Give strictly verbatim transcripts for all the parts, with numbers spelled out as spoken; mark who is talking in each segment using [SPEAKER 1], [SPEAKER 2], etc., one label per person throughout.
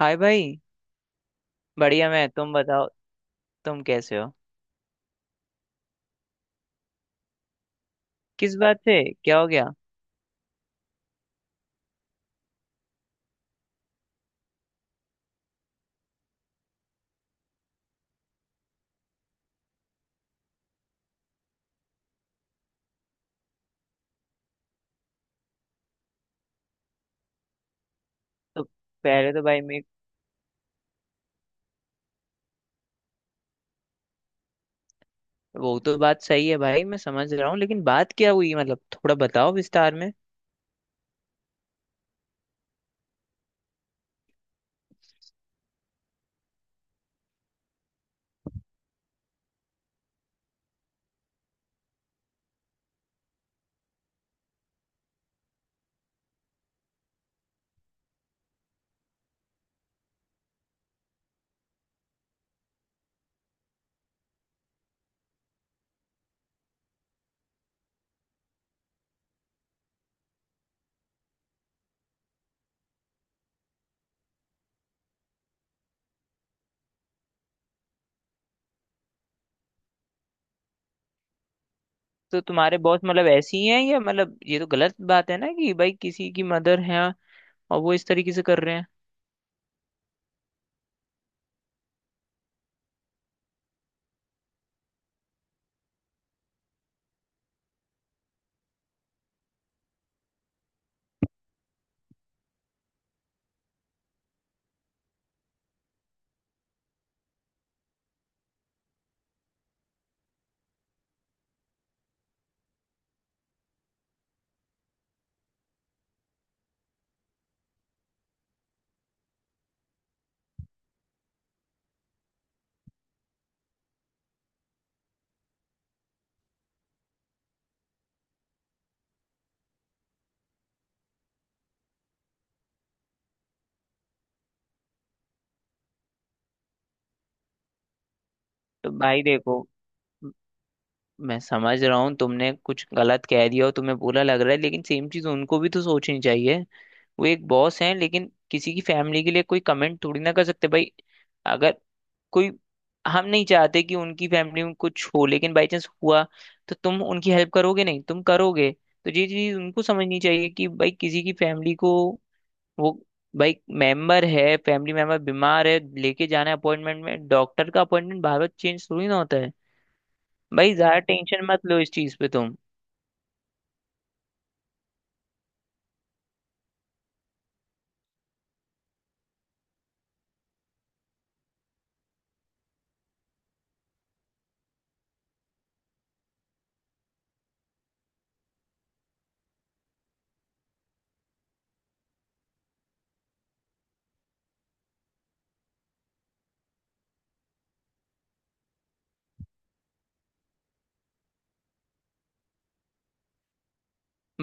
[SPEAKER 1] हाय भाई। बढ़िया। मैं तुम बताओ, तुम कैसे हो? किस बात से? क्या हो गया? तो पहले तो भाई मैं, वो तो बात सही है भाई, मैं समझ रहा हूँ लेकिन बात क्या हुई, मतलब थोड़ा बताओ विस्तार में। तो तुम्हारे बॉस मतलब ऐसी ही हैं, या मतलब ये तो गलत बात है ना कि भाई किसी की मदर है और वो इस तरीके से कर रहे हैं। तो भाई देखो, म- मैं समझ रहा हूँ तुमने कुछ गलत कह दिया और तुम्हें बुरा लग रहा है, लेकिन सेम चीज उनको भी तो सोचनी चाहिए। वो एक बॉस हैं, लेकिन किसी की फैमिली के लिए कोई कमेंट थोड़ी ना कर सकते भाई। अगर कोई, हम नहीं चाहते कि उनकी फैमिली में कुछ हो, लेकिन बाई चांस हुआ तो तुम उनकी हेल्प करोगे नहीं, तुम करोगे। तो ये चीज उनको समझनी चाहिए कि भाई किसी की फैमिली को, वो भाई मेंबर है, फैमिली मेंबर बीमार है, लेके जाना है अपॉइंटमेंट में, डॉक्टर का अपॉइंटमेंट बार बार चेंज थोड़ी ना होता है। भाई ज्यादा टेंशन मत लो इस चीज पे तुम।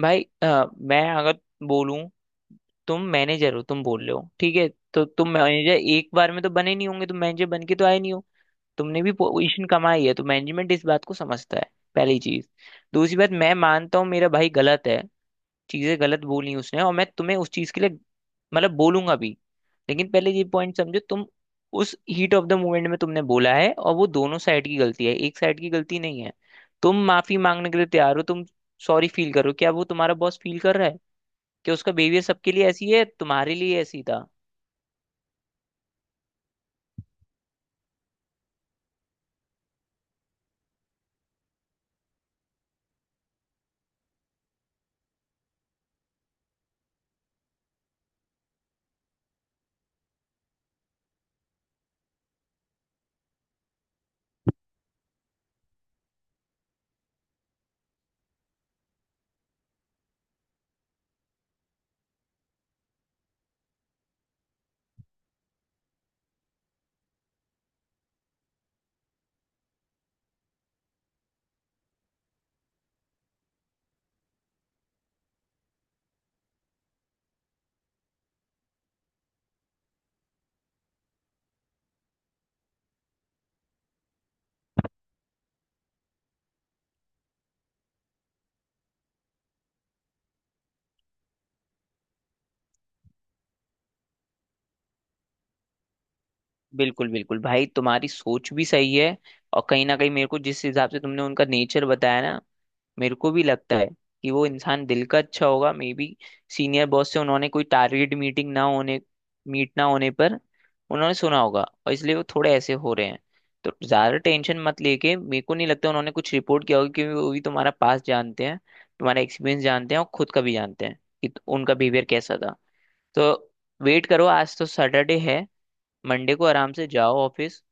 [SPEAKER 1] भाई अ, मैं अगर बोलूं, तुम मैनेजर हो, तुम बोल रहे हो ठीक है। तो तुम मैनेजर एक बार में तो बने नहीं होंगे, तुम मैनेजर बन के तो आए नहीं हो। तुमने भी पोजीशन कमाई है, तो मैनेजमेंट इस बात को समझता है, पहली चीज। दूसरी बात, मैं मानता हूँ मेरा भाई गलत है, चीजें गलत बोली उसने, और मैं तुम्हें उस चीज के लिए मतलब बोलूंगा भी। लेकिन पहले ये पॉइंट समझो तुम, उस हीट ऑफ द मोमेंट में तुमने बोला है, और वो दोनों साइड की गलती है, एक साइड की गलती नहीं है। तुम माफी मांगने के लिए तैयार हो, तुम सॉरी फील करो, क्या वो तुम्हारा बॉस फील कर रहा है? कि उसका बिहेवियर सबके लिए ऐसी है, तुम्हारे लिए ऐसी था। बिल्कुल बिल्कुल भाई, तुम्हारी सोच भी सही है। और कहीं ना कहीं मेरे को जिस हिसाब से तुमने उनका नेचर बताया ना, मेरे को भी लगता है कि वो इंसान दिल का अच्छा होगा। मे बी सीनियर बॉस से उन्होंने कोई टारगेट मीटिंग ना होने, मीट ना होने पर उन्होंने सुना होगा, और इसलिए वो थोड़े ऐसे हो रहे हैं। तो ज्यादा टेंशन मत लेके, मेरे को नहीं लगता उन्होंने कुछ रिपोर्ट किया होगा, क्योंकि वो भी तुम्हारा पास जानते हैं, तुम्हारा एक्सपीरियंस जानते हैं, और खुद का भी जानते हैं कि उनका बिहेवियर कैसा था। तो वेट करो, आज तो सैटरडे है। मंडे को आराम से जाओ ऑफिस,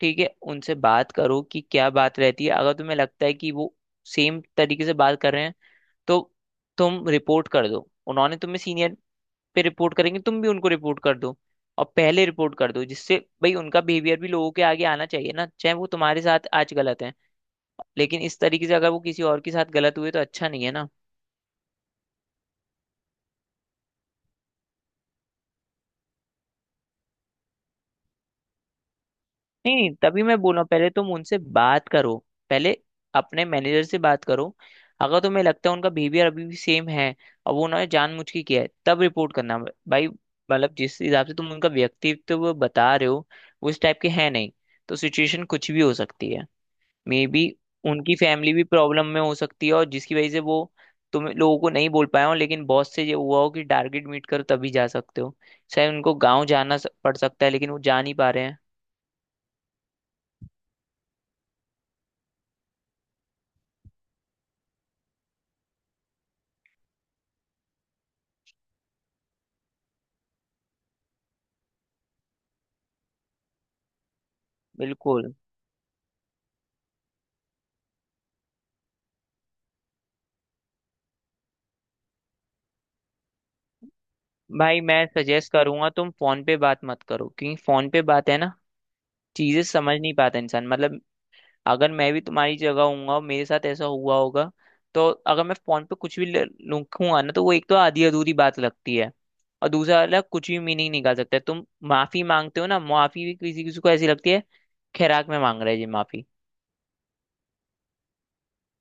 [SPEAKER 1] ठीक है। उनसे बात करो कि क्या बात रहती है, अगर तुम्हें लगता है कि वो सेम तरीके से बात कर रहे हैं, तो तुम रिपोर्ट कर दो। उन्होंने तुम्हें सीनियर पे रिपोर्ट करेंगे, तुम भी उनको रिपोर्ट कर दो। और पहले रिपोर्ट कर दो, जिससे भाई उनका बिहेवियर भी लोगों के आगे आना चाहिए ना। चाहे वो तुम्हारे साथ आज गलत है, लेकिन इस तरीके से अगर वो किसी और के साथ गलत हुए तो अच्छा नहीं है ना। नहीं नहीं, तभी मैं बोल रहा हूँ पहले तुम उनसे बात करो। पहले अपने मैनेजर से बात करो। अगर तुम्हें लगता है उनका बिहेवियर अभी भी सेम है और वो उन्होंने जानबूझ के किया है, तब रिपोर्ट करना भाई। मतलब जिस हिसाब से तुम उनका व्यक्तित्व बता रहे हो, वो इस टाइप के है नहीं। तो सिचुएशन कुछ भी हो सकती है। मे बी उनकी फैमिली भी प्रॉब्लम में हो सकती है, और जिसकी वजह से वो तुम लोगों को नहीं बोल पाए हो, लेकिन बॉस से ये हुआ हो कि टारगेट मीट करो तभी जा सकते हो। शायद उनको गांव जाना स- पड़ सकता है, लेकिन वो जा नहीं पा रहे हैं। बिल्कुल। भाई मैं सजेस्ट करूंगा तुम फोन पे बात मत करो, क्योंकि फोन पे बात है ना, चीजें समझ नहीं पाता इंसान। मतलब अगर मैं भी तुम्हारी जगह हूंगा, मेरे साथ ऐसा हुआ होगा, तो अगर मैं फोन पे कुछ भी ल- लिखूंगा ना, तो वो एक तो आधी अधूरी बात लगती है, और दूसरा वाला कुछ भी मीनिंग निकाल सकता है। तुम माफी मांगते हो ना, माफी भी किसी किसी को ऐसी लगती है, खैराक में मांग रहे जी माफी।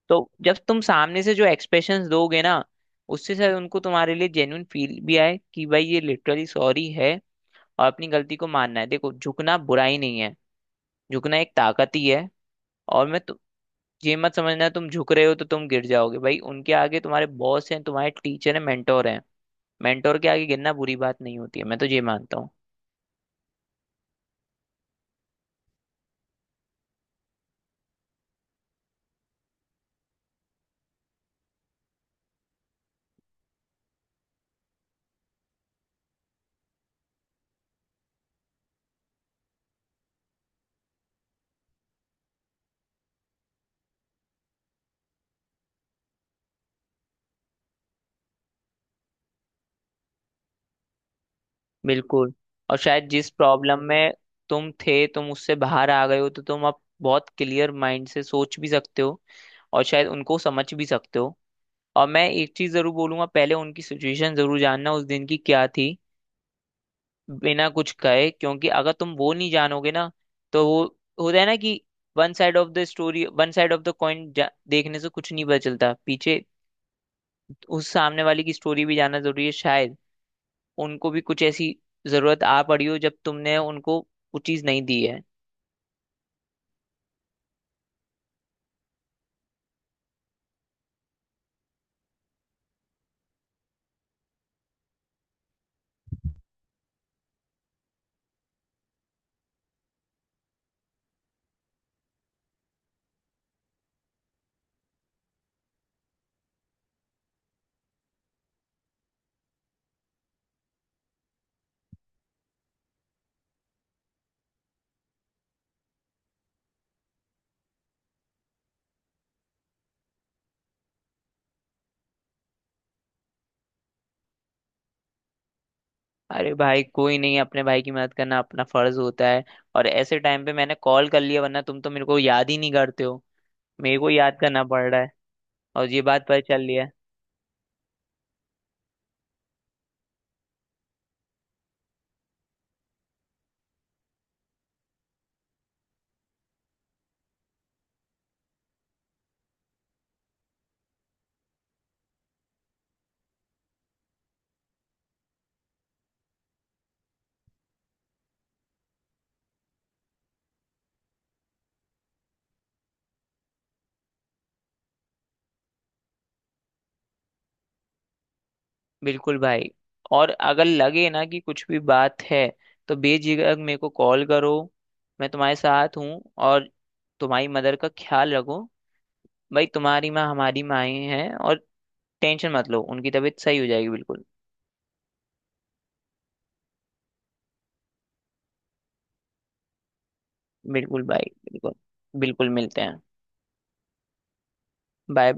[SPEAKER 1] तो जब तुम सामने से जो एक्सप्रेशंस दोगे ना, उससे शायद उनको तुम्हारे लिए जेन्यून फील भी आए कि भाई ये लिटरली सॉरी है। और अपनी गलती को मानना है, देखो झुकना बुराई नहीं है, झुकना एक ताकत ही है। और मैं तु- ये मत समझना तुम झुक रहे हो तो तुम गिर जाओगे। भाई उनके आगे, तुम्हारे बॉस हैं, तुम्हारे टीचर हैं, मेंटोर हैं। मेंटोर के आगे गिरना बुरी बात नहीं होती है, मैं तो ये मानता हूँ। बिल्कुल। और शायद जिस प्रॉब्लम में तुम थे तुम उससे बाहर आ गए हो, तो तुम अब बहुत क्लियर माइंड से सोच भी सकते हो, और शायद उनको समझ भी सकते हो। और मैं एक चीज जरूर बोलूंगा, पहले उनकी सिचुएशन जरूर जानना उस दिन की क्या थी, बिना कुछ कहे। क्योंकि अगर तुम वो नहीं जानोगे ना, तो वो होता है ना कि one side of the story, one side of the coin देखने से कुछ नहीं पता चलता। पीछे उस सामने वाले की स्टोरी भी जानना जरूरी है। शायद उनको भी कुछ ऐसी जरूरत आ पड़ी हो जब तुमने उनको वो चीज नहीं दी है। अरे भाई कोई नहीं, अपने भाई की मदद करना अपना फर्ज होता है। और ऐसे टाइम पे मैंने कॉल कर लिया, वरना तुम तो मेरे को याद ही नहीं करते हो, मेरे को याद करना पड़ रहा है, और ये बात पता चल रही है। बिल्कुल भाई। और अगर लगे ना कि कुछ भी बात है, तो बेझिझक मेरे को कॉल करो। मैं तुम्हारे साथ हूँ, और तुम्हारी मदर का ख्याल रखो भाई। तुम्हारी माँ हमारी माएँ हैं, और टेंशन मत लो, उनकी तबीयत सही हो जाएगी बिल्कुल। बिल्कुल भाई, बिल्कुल। बिल्कुल मिलते हैं। बाय।